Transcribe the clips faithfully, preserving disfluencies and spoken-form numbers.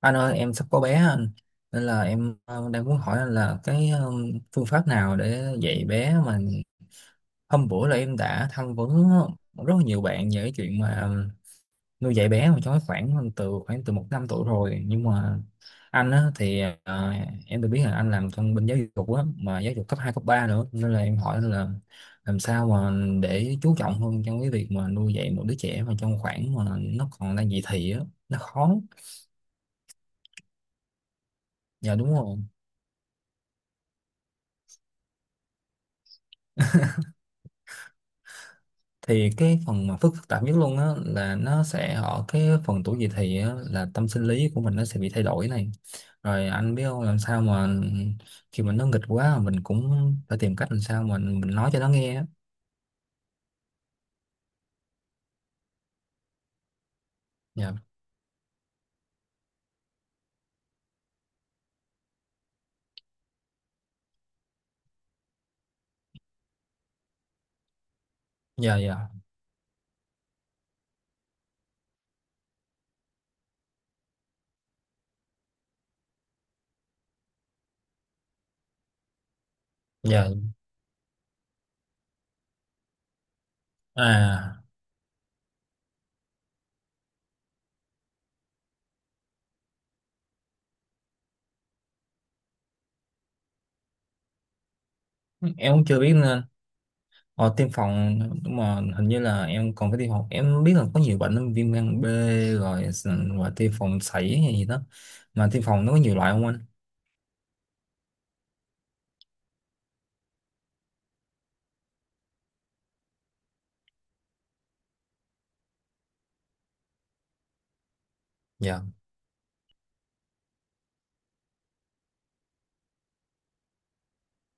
Anh ơi, em sắp có bé á anh. Nên là em ờ, đang muốn hỏi anh là cái ờ, phương pháp nào để dạy bé. Mà hôm bữa là em đã tham vấn rất là nhiều bạn về cái chuyện mà nuôi dạy bé, mà cho khoảng từ khoảng từ một năm tuổi rồi, nhưng mà anh á thì ờ, em được biết là anh làm trong bên giáo dục á, mà giáo dục cấp hai cấp ba nữa, nên là em hỏi là làm sao mà để chú trọng hơn trong cái việc mà nuôi dạy một đứa trẻ mà trong khoảng mà nó còn đang dậy thì á, nó khó. Dạ đúng rồi. Thì cái phần mà phức phức tạp nhất luôn á là nó sẽ ở cái phần tuổi dậy thì á, là tâm sinh lý của mình nó sẽ bị thay đổi này. Rồi anh biết không, làm sao mà khi mà nó nghịch quá mình cũng phải tìm cách làm sao mà mình nói cho nó nghe á. Dạ dạ dạ dạ. À, em cũng chưa biết nên ờ, tiêm phòng. Nhưng mà hình như là em còn phải tiêm phòng, em biết là có nhiều bệnh lắm, viêm gan B, rồi s- và tiêm phòng sảy hay gì đó. Mà tiêm phòng nó có nhiều loại không anh? Dạ,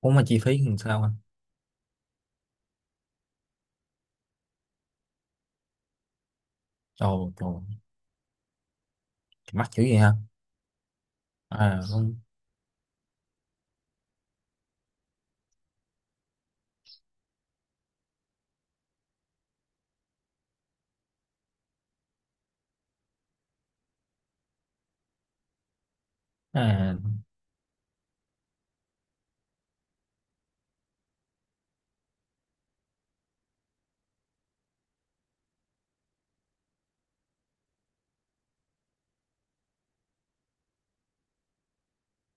cũng mà chi phí làm sao anh? Ồ trời. Mắc kiểu gì hả? À không. À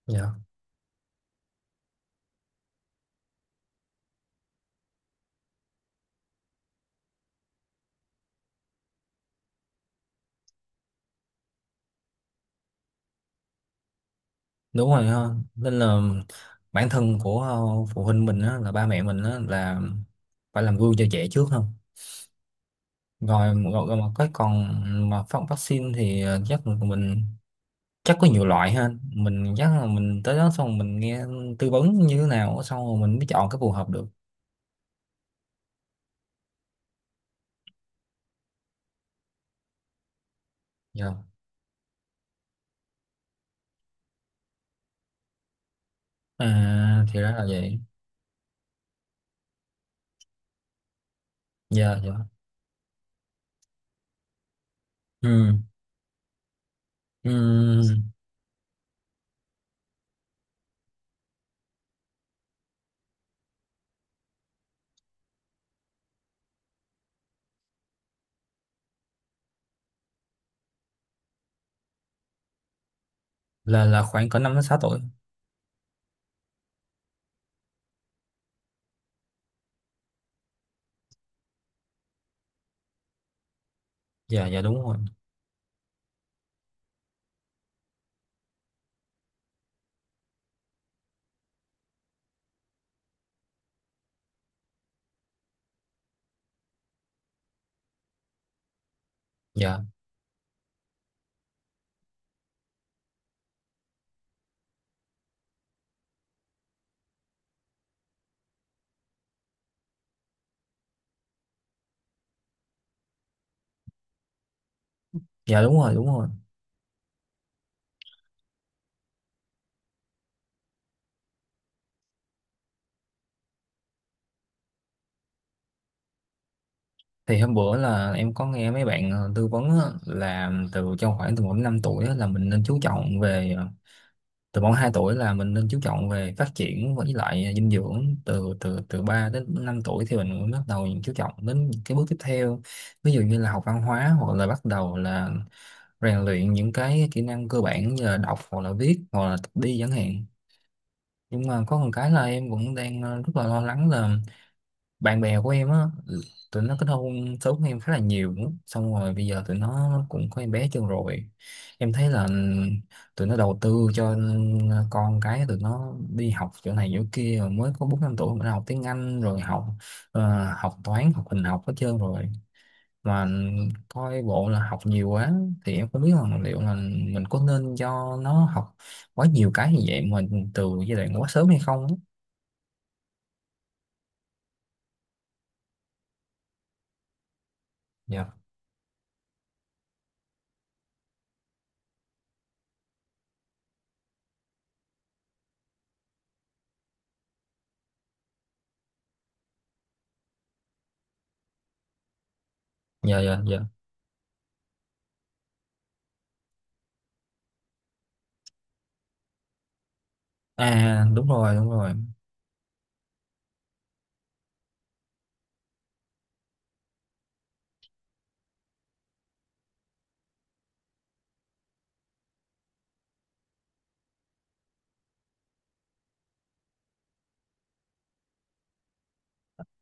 dạ đúng rồi ha. Nên là bản thân của ờ, phụ huynh mình á, là ba mẹ mình á, là phải làm gương cho trẻ trước không? Rồi rồi, rồi Mà cái còn, mà phát vaccine thì ờ, chắc là mình, chắc có nhiều loại ha, mình chắc là mình tới đó xong mình nghe tư vấn như thế nào xong rồi mình mới chọn cái phù hợp được. Dạ. À thì ra là vậy. Dạ dạ. Ừ ừ. Là là khoảng cỡ năm đến sáu tuổi. Dạ dạ đúng rồi. Dạ dạ đúng rồi đúng rồi. Thì hôm bữa là em có nghe mấy bạn ờ, tư vấn á, là từ trong khoảng từ khoảng năm tuổi á, là mình nên chú trọng về ờ, từ khoảng hai tuổi là mình nên chú trọng về phát triển với lại dinh dưỡng, từ từ từ ba đến năm tuổi thì mình mới bắt đầu chú trọng đến những cái bước tiếp theo. Ví dụ như là học văn hóa, hoặc là bắt đầu là rèn luyện những cái kỹ năng cơ bản như là đọc hoặc là viết hoặc là tập đi chẳng hạn. Nhưng mà có một cái là em cũng đang ờ, rất là lo lắng là bạn bè của em á, tụi nó kết hôn sớm hơn em khá là nhiều, xong rồi bây giờ tụi nó cũng có em bé chưa rồi, em thấy là tụi nó đầu tư cho con cái tụi nó đi học chỗ này chỗ kia, rồi mới có bốn năm tuổi mà đã học tiếng Anh, rồi học ờ, học toán, học hình học hết trơn rồi. Mà coi bộ là học nhiều quá. Thì em không biết là liệu là mình có nên cho nó học quá nhiều cái như vậy mà từ giai đoạn quá sớm hay không á. Dạ dạ dạ dạ. À đúng rồi đúng rồi.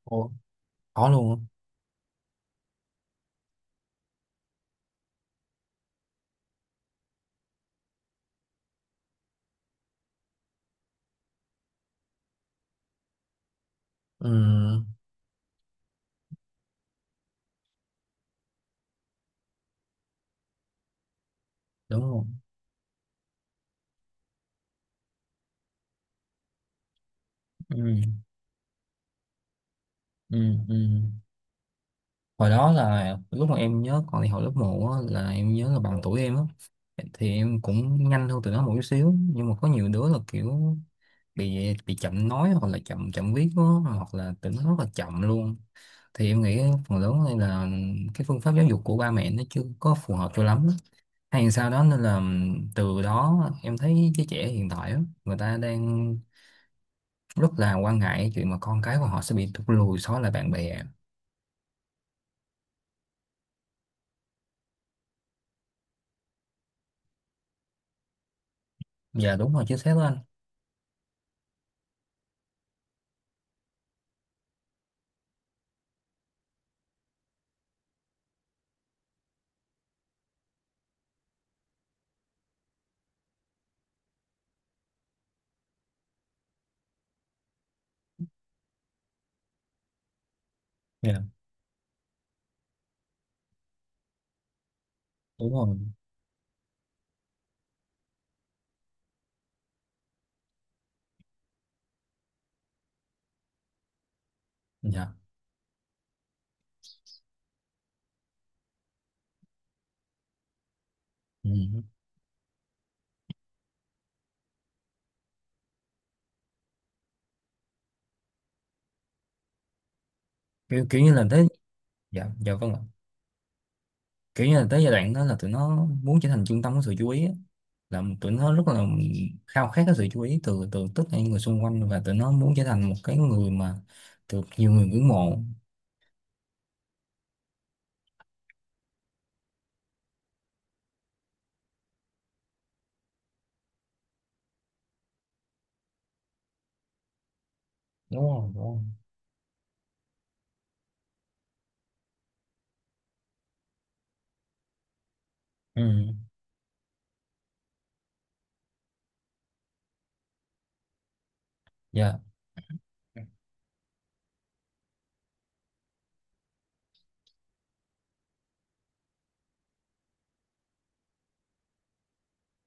Ồ, có luôn á. Ừ, đúng rồi. Ừ, ừ, ừ. Hồi đó là lúc mà em nhớ, còn thì hồi lớp một á, là em nhớ là bằng tuổi em á, thì em cũng nhanh hơn tụi nó một chút xíu, nhưng mà có nhiều đứa là kiểu bị bị chậm nói, hoặc là chậm chậm viết á, hoặc là tụi nó rất là chậm luôn. Thì em nghĩ phần lớn đây là cái phương pháp giáo dục của ba mẹ nó chưa có phù hợp cho lắm á, hay sao đó, nên là từ đó em thấy cái trẻ hiện tại á, người ta đang rất là quan ngại cái chuyện mà con cái của họ sẽ bị thụt lùi so với lại bạn bè. Dạ đúng rồi, chính xác đó anh. Dạ đúng rồi. Dạ. Ừ. kiểu kiểu như là tới. Dạ dạ vâng ạ. Kiểu như là tới giai đoạn đó là tụi nó muốn trở thành trung tâm của sự chú ý á. Là tụi nó rất là khao khát cái sự chú ý từ từ tất cả những người xung quanh, và tụi nó muốn trở thành một cái người mà được nhiều người ngưỡng mộ. Đúng rồi đúng rồi. Ừ. Dạ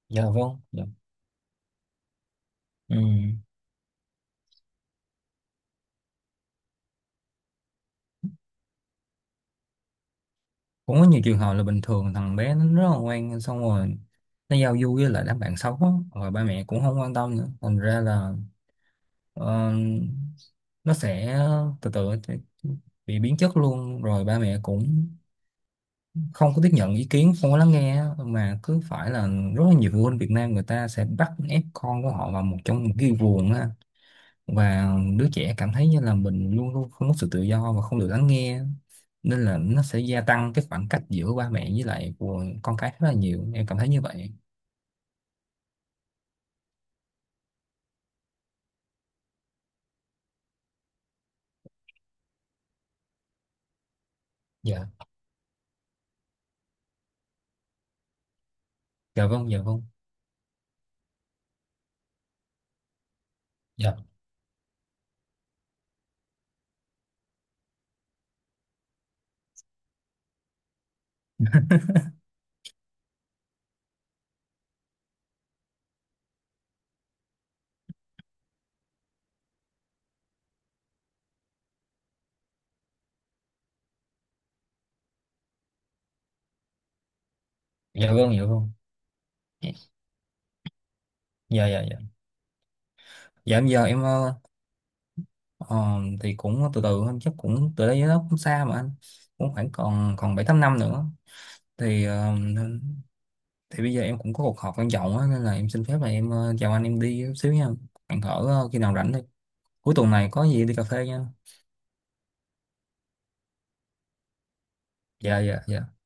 dạ vâng dạ. Ừ. Cũng có nhiều trường hợp là bình thường thằng bé nó rất là ngoan, xong rồi nó giao du với lại đám bạn xấu á, rồi ba mẹ cũng không quan tâm nữa, thành ra là ờ, nó sẽ từ từ bị biến chất luôn. Rồi ba mẹ cũng không có tiếp nhận ý kiến, không có lắng nghe á, mà cứ phải là rất là nhiều phụ huynh Việt Nam, người ta sẽ bắt ép con của họ vào một, trong một cái guồng á, và đứa trẻ cảm thấy như là mình luôn luôn không có sự tự do và không được lắng nghe. Nên là nó sẽ gia tăng cái khoảng cách giữa ba mẹ với lại của con cái rất là nhiều, em cảm thấy như vậy. Dạ dạ vâng dạ vâng. Dạ dạ vâng dạ vâng. Dạ dạ dạ. Dạ, em giờ em ờ, ờ, thì cũng từ từ thôi, chắc cũng từ đây nó cũng xa mà anh, cũng khoảng còn còn bảy tám năm nữa. thì ờ, nên- thì bây giờ em cũng có cuộc họp quan trọng á, nên là em xin phép là em ờ, chào anh, em đi chút xíu nha. Hẹn thở ờ, khi nào rảnh thôi. Cuối tuần này có gì đi cà phê nha. Dạ dạ dạ.